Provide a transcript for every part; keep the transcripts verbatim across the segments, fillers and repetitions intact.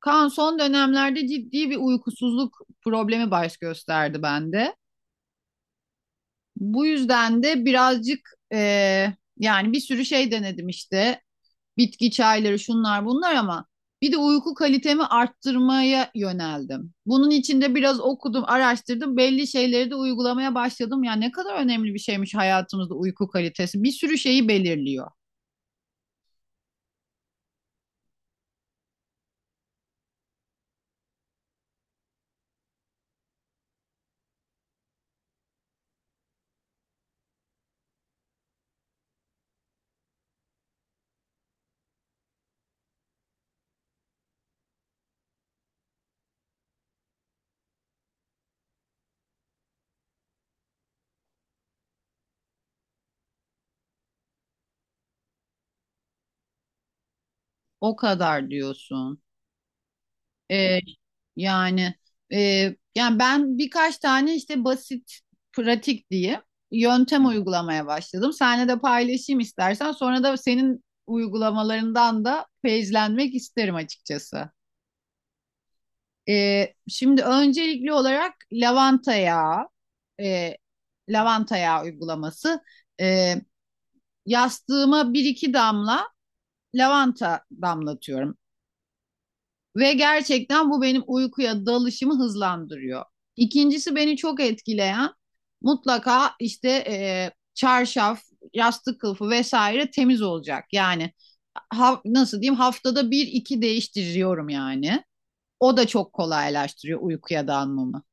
Kaan son dönemlerde ciddi bir uykusuzluk problemi baş gösterdi bende. Bu yüzden de birazcık e, yani bir sürü şey denedim işte, bitki çayları şunlar bunlar, ama bir de uyku kalitemi arttırmaya yöneldim. Bunun için de biraz okudum, araştırdım. Belli şeyleri de uygulamaya başladım. Ya ne kadar önemli bir şeymiş hayatımızda uyku kalitesi. Bir sürü şeyi belirliyor. O kadar diyorsun. Ee, yani e, yani ben birkaç tane işte basit, pratik diye yöntem uygulamaya başladım. Seninle de paylaşayım istersen. Sonra da senin uygulamalarından da feyizlenmek isterim açıkçası. Ee, şimdi öncelikli olarak lavanta yağı, e, lavanta yağı uygulaması. Ee, Yastığıma bir iki damla lavanta damlatıyorum. Ve gerçekten bu benim uykuya dalışımı hızlandırıyor. İkincisi, beni çok etkileyen, mutlaka işte e, çarşaf, yastık kılıfı vesaire temiz olacak. Yani ha- nasıl diyeyim, haftada bir iki değiştiriyorum yani. O da çok kolaylaştırıyor uykuya dalmamı.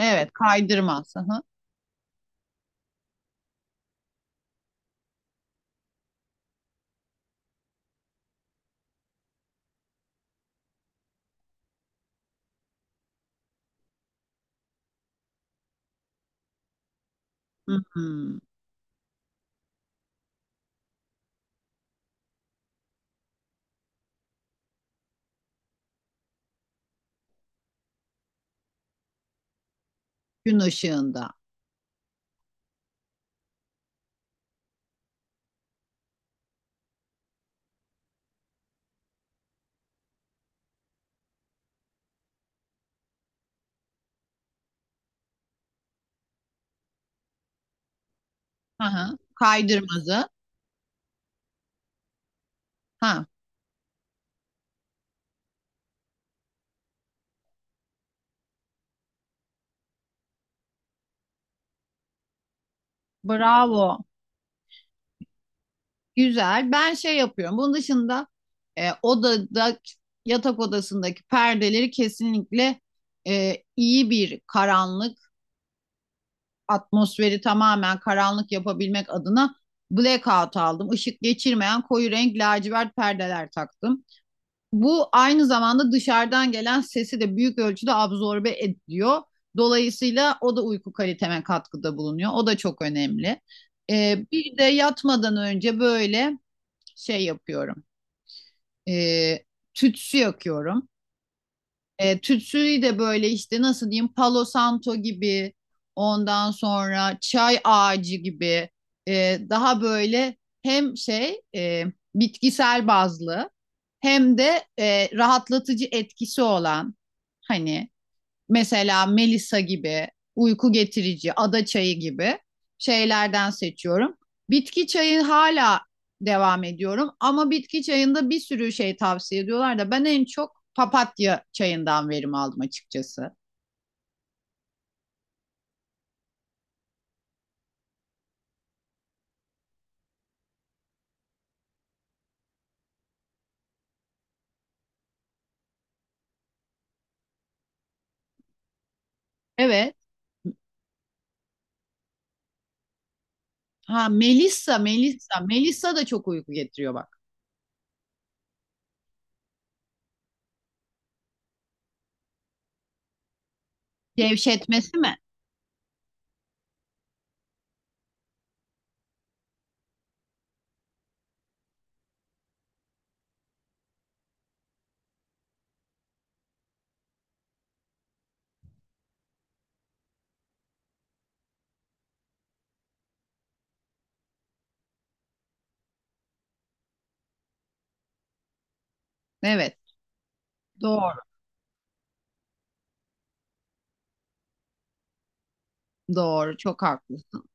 Evet, kaydırmaz. Hı hı. Hı hı. Gün ışığında. Hı hı. Kaydırmazı. Ha, bravo. Güzel. Ben şey yapıyorum. Bunun dışında e, odada yatak odasındaki perdeleri kesinlikle, e, iyi bir karanlık atmosferi, tamamen karanlık yapabilmek adına blackout aldım. Işık geçirmeyen koyu renk lacivert perdeler taktım. Bu aynı zamanda dışarıdan gelen sesi de büyük ölçüde absorbe ediyor. Dolayısıyla o da uyku kaliteme katkıda bulunuyor. O da çok önemli. E, bir de yatmadan önce böyle şey yapıyorum. E, Tütsü yakıyorum. E, tütsüyü de böyle işte, nasıl diyeyim, Palo Santo gibi, ondan sonra çay ağacı gibi, e, daha böyle hem şey e, bitkisel bazlı hem de e, rahatlatıcı etkisi olan, hani mesela Melisa gibi, uyku getirici, ada çayı gibi şeylerden seçiyorum. Bitki çayı hala devam ediyorum, ama bitki çayında bir sürü şey tavsiye ediyorlar, da ben en çok papatya çayından verim aldım açıkçası. Evet. Ha, Melissa, Melissa. Melissa da çok uyku getiriyor bak. Gevşetmesi mi? Evet. Doğru. Doğru. Çok haklısın.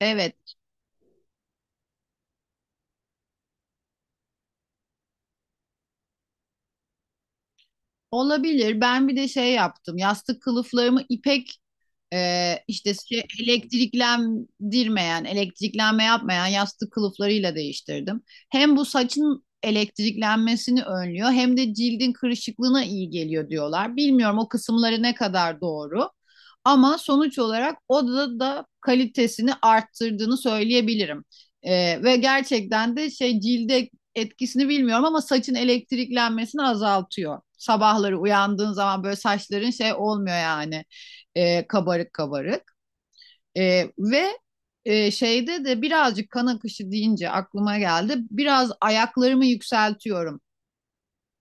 Evet. Olabilir. Ben bir de şey yaptım. Yastık kılıflarımı ipek. Ee, işte şey, elektriklendirmeyen, elektriklenme yapmayan yastık kılıflarıyla değiştirdim. Hem bu saçın elektriklenmesini önlüyor, hem de cildin kırışıklığına iyi geliyor diyorlar. Bilmiyorum o kısımları ne kadar doğru, ama sonuç olarak odada da da kalitesini arttırdığını söyleyebilirim. Ee, ve gerçekten de şey, cilde etkisini bilmiyorum ama saçın elektriklenmesini azaltıyor. Sabahları uyandığın zaman böyle saçların şey olmuyor yani, e, kabarık kabarık. E, ve e, Şeyde de birazcık, kan akışı deyince aklıma geldi. Biraz ayaklarımı yükseltiyorum.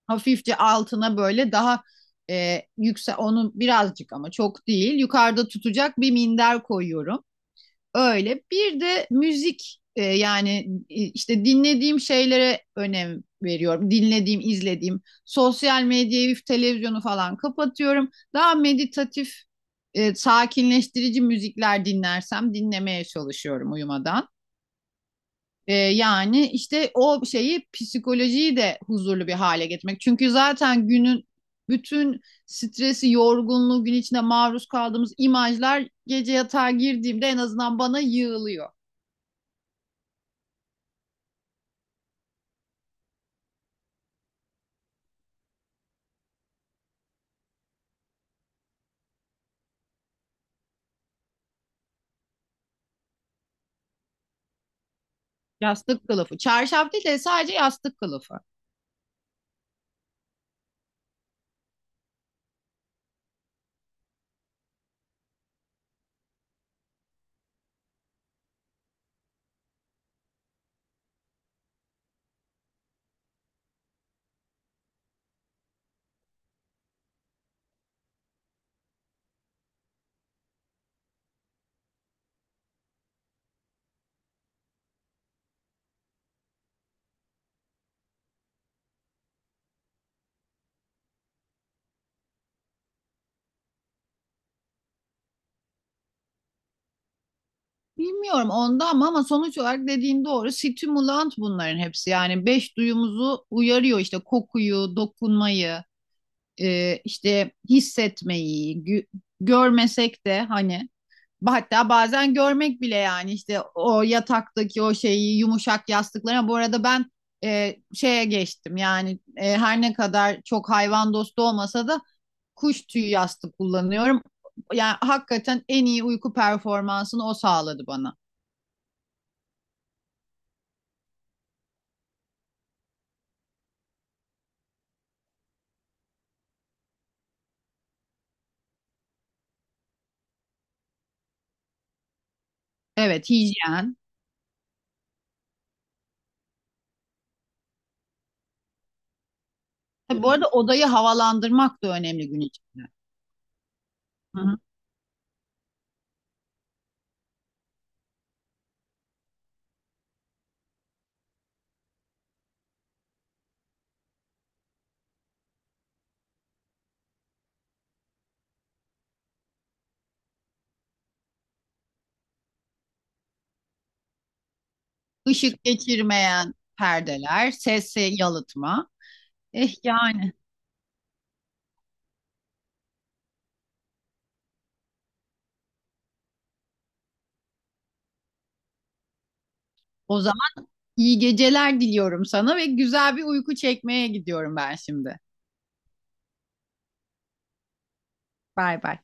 Hafifçe altına böyle daha e, yüksel onu birazcık, ama çok değil. Yukarıda tutacak bir minder koyuyorum. Öyle. Bir de müzik, e, yani e, işte dinlediğim şeylere önem veriyorum. Dinlediğim, izlediğim. Sosyal medyayı, televizyonu falan kapatıyorum. Daha meditatif, e, sakinleştirici müzikler dinlersem, dinlemeye çalışıyorum uyumadan. E, yani işte o şeyi, psikolojiyi de huzurlu bir hale getirmek. Çünkü zaten günün bütün stresi, yorgunluğu, gün içinde maruz kaldığımız imajlar gece yatağa girdiğimde en azından bana yığılıyor. Yastık kılıfı. Çarşaf değil de sadece yastık kılıfı. Bilmiyorum onda, ama ama sonuç olarak dediğin doğru. Stimulant bunların hepsi. Yani beş duyumuzu uyarıyor, işte kokuyu, dokunmayı, e, işte hissetmeyi, gü- görmesek de hani, hatta bazen görmek bile, yani işte o yataktaki o şeyi, yumuşak yastıklara. Bu arada ben e, şeye geçtim yani, e, her ne kadar çok hayvan dostu olmasa da kuş tüyü yastık kullanıyorum. Yani hakikaten en iyi uyku performansını o sağladı bana. Evet, hijyen. Tabii, bu arada odayı havalandırmak da önemli gün içinde. Hı hı. Işık geçirmeyen perdeler, sesi yalıtma. Eh yani, o zaman iyi geceler diliyorum sana ve güzel bir uyku çekmeye gidiyorum ben şimdi. Bay bay.